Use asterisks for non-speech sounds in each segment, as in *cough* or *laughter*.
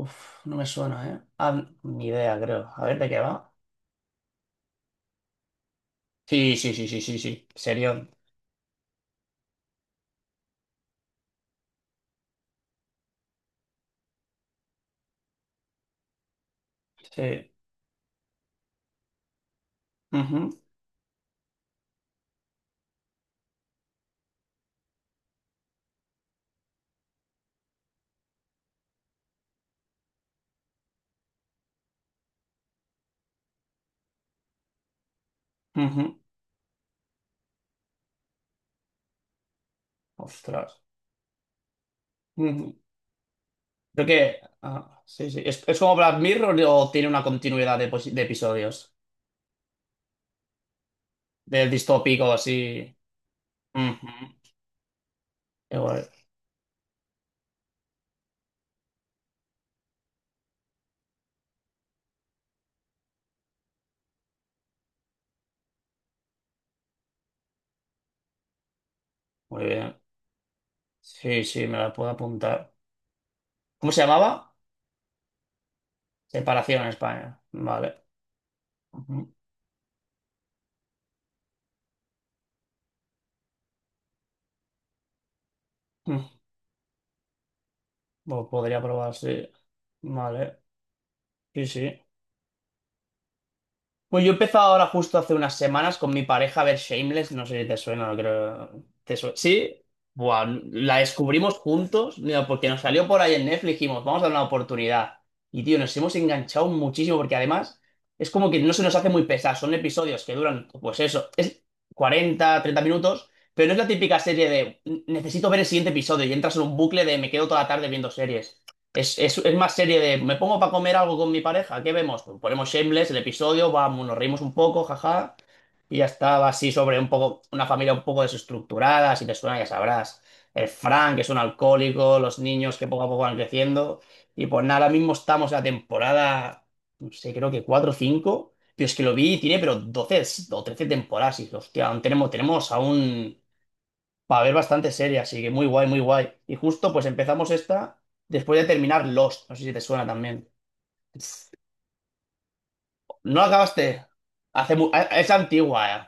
Uf, no me suena, ¿eh? Ah, ni idea, creo. A ver, ¿de qué va? Sí, sí, sí, sí, sí, sí. Serión. Sí. Ujú, ujú. Ostras. Ujú. Creo que, ah, sí, sí. ¿Es como Black Mirror o tiene una continuidad de, de episodios? Del distópico, así. Ujú. Igual. Muy bien. Sí, sí, me la puedo apuntar. ¿Cómo se llamaba? Separación en España. Vale. Ujú. Mm. Lo podría probar, sí. Vale. Sí, sí. Pues yo he empezado ahora justo hace unas semanas con mi pareja a ver Shameless, no sé si te suena, no creo. ¿Te suena? Sí, buah, la descubrimos juntos, mira, porque nos salió por ahí en Netflix, dijimos, vamos a dar una oportunidad. Y tío, nos hemos enganchado muchísimo porque además es como que no se nos hace muy pesada, son episodios que duran, pues eso, es 40, 30 minutos, pero no es la típica serie de necesito ver el siguiente episodio y entras en un bucle de me quedo toda la tarde viendo series. Es más serie de, me pongo para comer algo con mi pareja, ¿qué vemos? Pues ponemos Shameless, el episodio, vamos, nos reímos un poco, jaja, y ya estaba así sobre un poco, una familia un poco desestructurada, si te suena ya sabrás. El Frank, que es un alcohólico, los niños que poco a poco van creciendo, y pues nada, ahora mismo estamos en la temporada, no sé, creo que 4 o cinco, pero es que lo vi y tiene pero 12 o 13 temporadas, y dije, hostia, aún tenemos aún para ver bastante serie, así que muy guay, muy guay. Y justo pues empezamos esta después de terminar Lost, no sé si te suena también. No la acabaste. Es antigua, eh.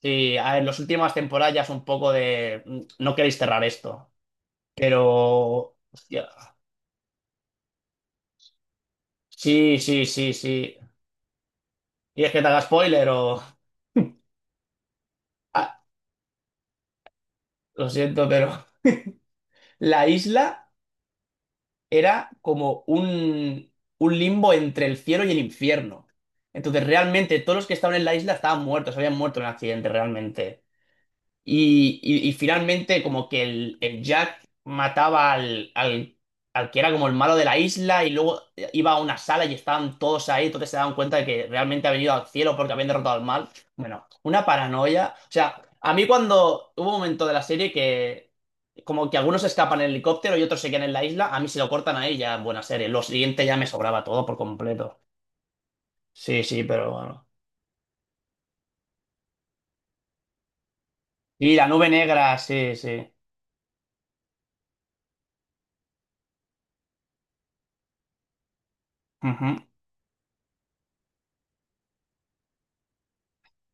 Sí, a ver, las últimas temporadas ya es un poco de no queréis cerrar esto, pero hostia. Sí, sí, sí, sí. ¿Y es que te haga spoiler o? Ah, lo siento, pero la isla era como un limbo entre el cielo y el infierno. Entonces, realmente, todos los que estaban en la isla estaban muertos, habían muerto en el accidente, realmente. Y finalmente como que el Jack mataba al que era como el malo de la isla y luego iba a una sala y estaban todos ahí, entonces se daban cuenta de que realmente ha venido al cielo porque habían derrotado al mal. Bueno, una paranoia. O sea, a mí cuando hubo un momento de la serie que como que algunos escapan en el helicóptero y otros se quedan en la isla, a mí se lo cortan ahí ya en buena serie. Lo siguiente ya me sobraba todo por completo. Sí, sí, pero bueno. Y la nube negra, sí, sí. Ujú.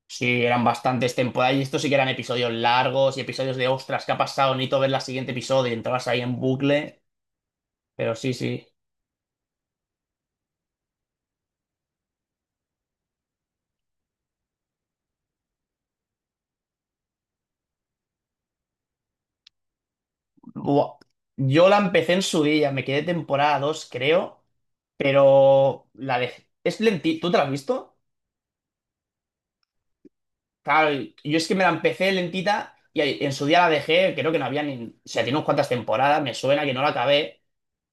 Sí, eran bastantes temporadas y estos sí que eran episodios largos y episodios de ostras, ¿qué ha pasado? Necesito ver la siguiente episodio y entrabas ahí en bucle, pero sí, sí. Buah. Yo la empecé en su día, me quedé temporada 2 creo, pero la dejé. Es lentita, ¿tú te la has visto? Claro, yo es que me la empecé lentita y en su día la dejé, creo que no había ni. O sea, tiene unas cuantas temporadas, me suena que no la acabé.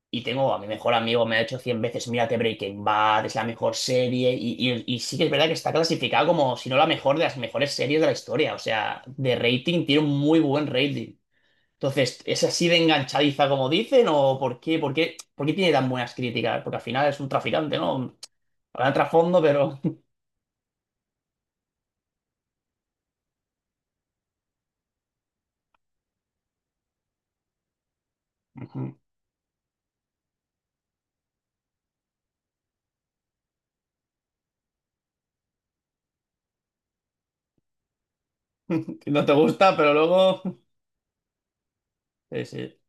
Y tengo a mi mejor amigo, me ha hecho 100 veces, mírate Breaking Bad, es la mejor serie. Y sí que es verdad que está clasificada como, si no la mejor, de las mejores series de la historia. O sea, de rating tiene un muy buen rating. Entonces, ¿es así de enganchadiza como dicen? ¿O por qué tiene tan buenas críticas? Porque al final es un traficante, ¿no? Habrá trasfondo, pero. *laughs* Ujú. *laughs* No te gusta, pero luego. Sí, sí.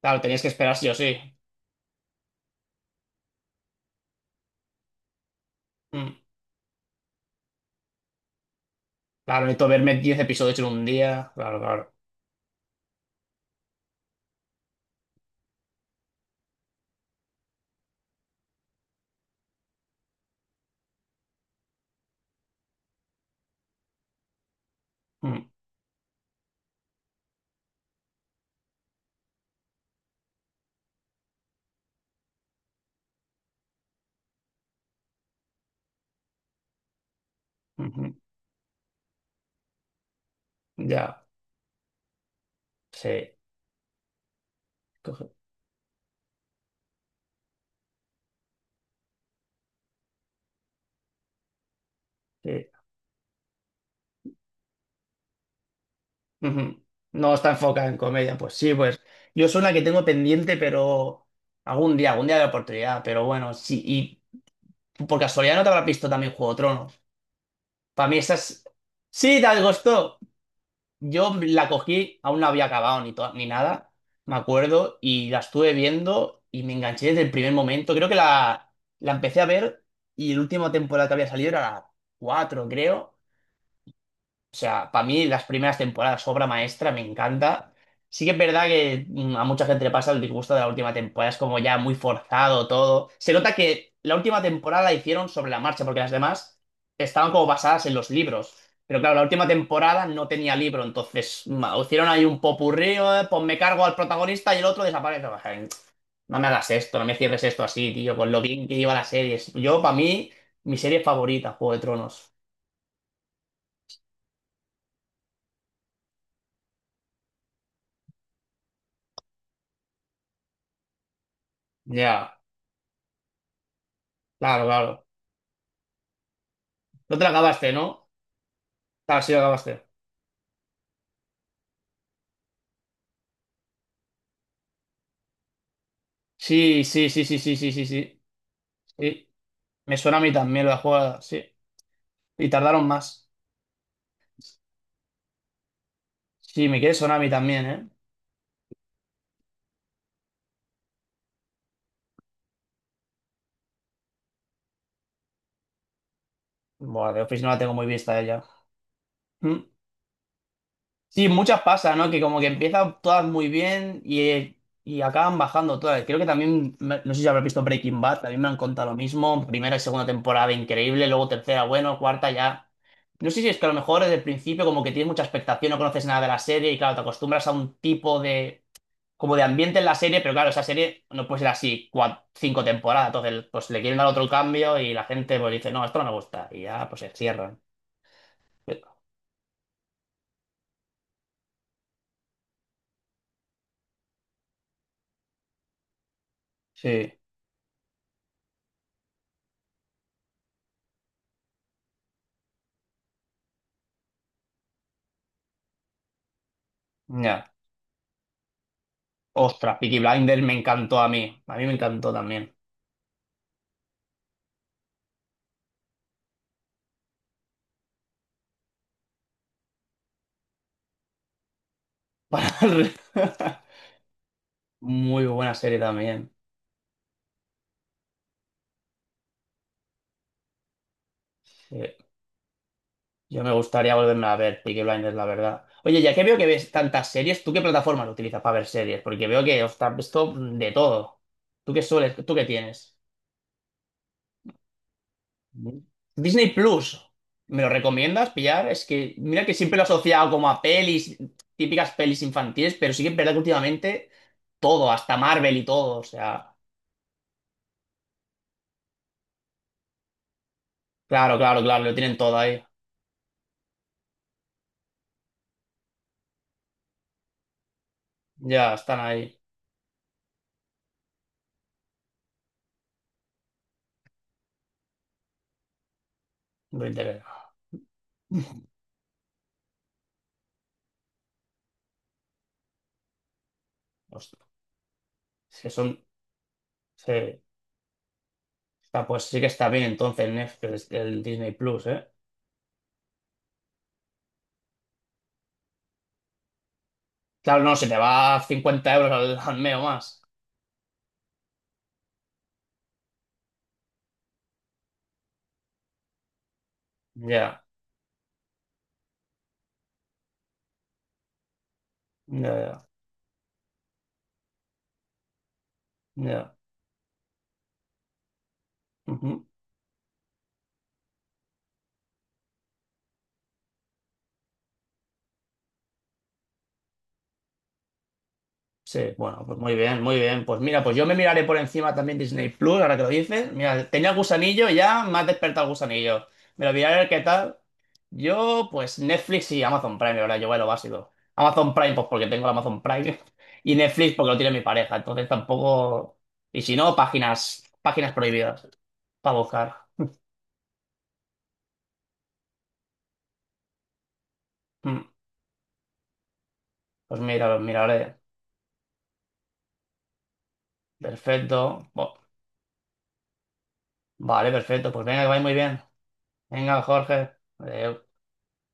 Claro, tenías que esperar sí o sí. Mm. Claro, necesito verme 10 episodios en un día. Claro, claro. Mm, ujú. Ya. Sí. Coge- sí. Ujú. No está enfocada en comedia. Pues sí, pues yo soy la que tengo pendiente, pero algún día de oportunidad. Pero bueno, sí. Y por casualidad no te habrás visto también Juego de Tronos. Para mí esas. Sí, te gustó. Yo la cogí, aún no había acabado ni, ni nada, me acuerdo, y la estuve viendo y me enganché desde el primer momento. Creo que la empecé a ver y la última temporada que había salido era la 4 creo. O sea, para mí las primeras temporadas, obra maestra, me encanta. Sí que es verdad que a mucha gente le pasa el disgusto de la última temporada, es como ya muy forzado todo. Se nota que la última temporada la hicieron sobre la marcha, porque las demás estaban como basadas en los libros. Pero claro, la última temporada no tenía libro, entonces hicieron ahí un popurrí, pues me cargo al protagonista y el otro desaparece. Pues, ay, no me hagas esto, no me cierres esto así, tío, con lo bien que iba la serie. Yo, para mí, mi serie favorita, Juego de Tronos. Ya, claro, claro. No te la acabaste, ¿no? Ah, sí, la acabaste. Sí, sí, sí, sí, sí, sí, sí, sí. Sí. Me suena a mí también la jugada, sí. Y tardaron más. Sí, me quiere sonar a mí también, ¿eh? Bueno, de Office no la tengo muy vista ella. Mm. Sí, muchas pasan ¿no? Que como que empiezan todas muy bien y acaban bajando todas. Creo que también, no sé si habrás visto Breaking Bad, también me han contado lo mismo. Primera y segunda temporada increíble, luego tercera, bueno, cuarta ya. No sé si es que a lo mejor desde el principio como que tienes mucha expectación, no conoces nada de la serie y claro, te acostumbras a un tipo de como de ambiente en la serie, pero claro, esa serie no puede ser así cinco temporadas. Entonces, pues le quieren dar otro cambio y la gente pues dice, no, esto no me gusta. Y ya, pues se cierran. Sí, ya. Ostras, Peaky Blinders me encantó a mí. A mí me encantó también. *laughs* Para el- *laughs* Muy buena serie también. Sí. Yo me gustaría volverme a ver Peaky Blinders, la verdad. Oye, ya que veo que ves tantas series, ¿tú qué plataformas utilizas para ver series? Porque veo que, ostras, esto de todo. ¿Tú qué sueles? ¿Tú qué tienes? Disney Plus, ¿me lo recomiendas pillar? Es que mira que siempre lo he asociado como a pelis, típicas pelis infantiles, pero sí que es verdad que últimamente todo, hasta Marvel y todo, o sea, claro, claro, claro, lo tienen todo ahí, ya están ahí, lo interesa. Hostia, es que son, sí, está, pues sí que está bien entonces Netflix, el Disney Plus, ¿eh? Claro, no, se te va 50 euros al mes o más. Ya, ya, ya, ya. Ujú. Sí, bueno, pues muy bien, muy bien. Pues mira, pues yo me miraré por encima también Disney Plus, ahora que lo dices. Mira, tenía el gusanillo y ya me ha despertado el gusanillo. Me lo miraré a ver qué tal. Yo, pues Netflix y Amazon Prime, ahora yo voy a lo básico. Amazon Prime, pues porque tengo el Amazon Prime. *laughs* Y Netflix porque lo tiene mi pareja. Entonces tampoco. Y si no, páginas, páginas prohibidas para buscar. Mm, Pues mira, lo miraré. Perfecto. Vale, perfecto. Pues venga, que vaya muy bien. Venga, Jorge. Adeu.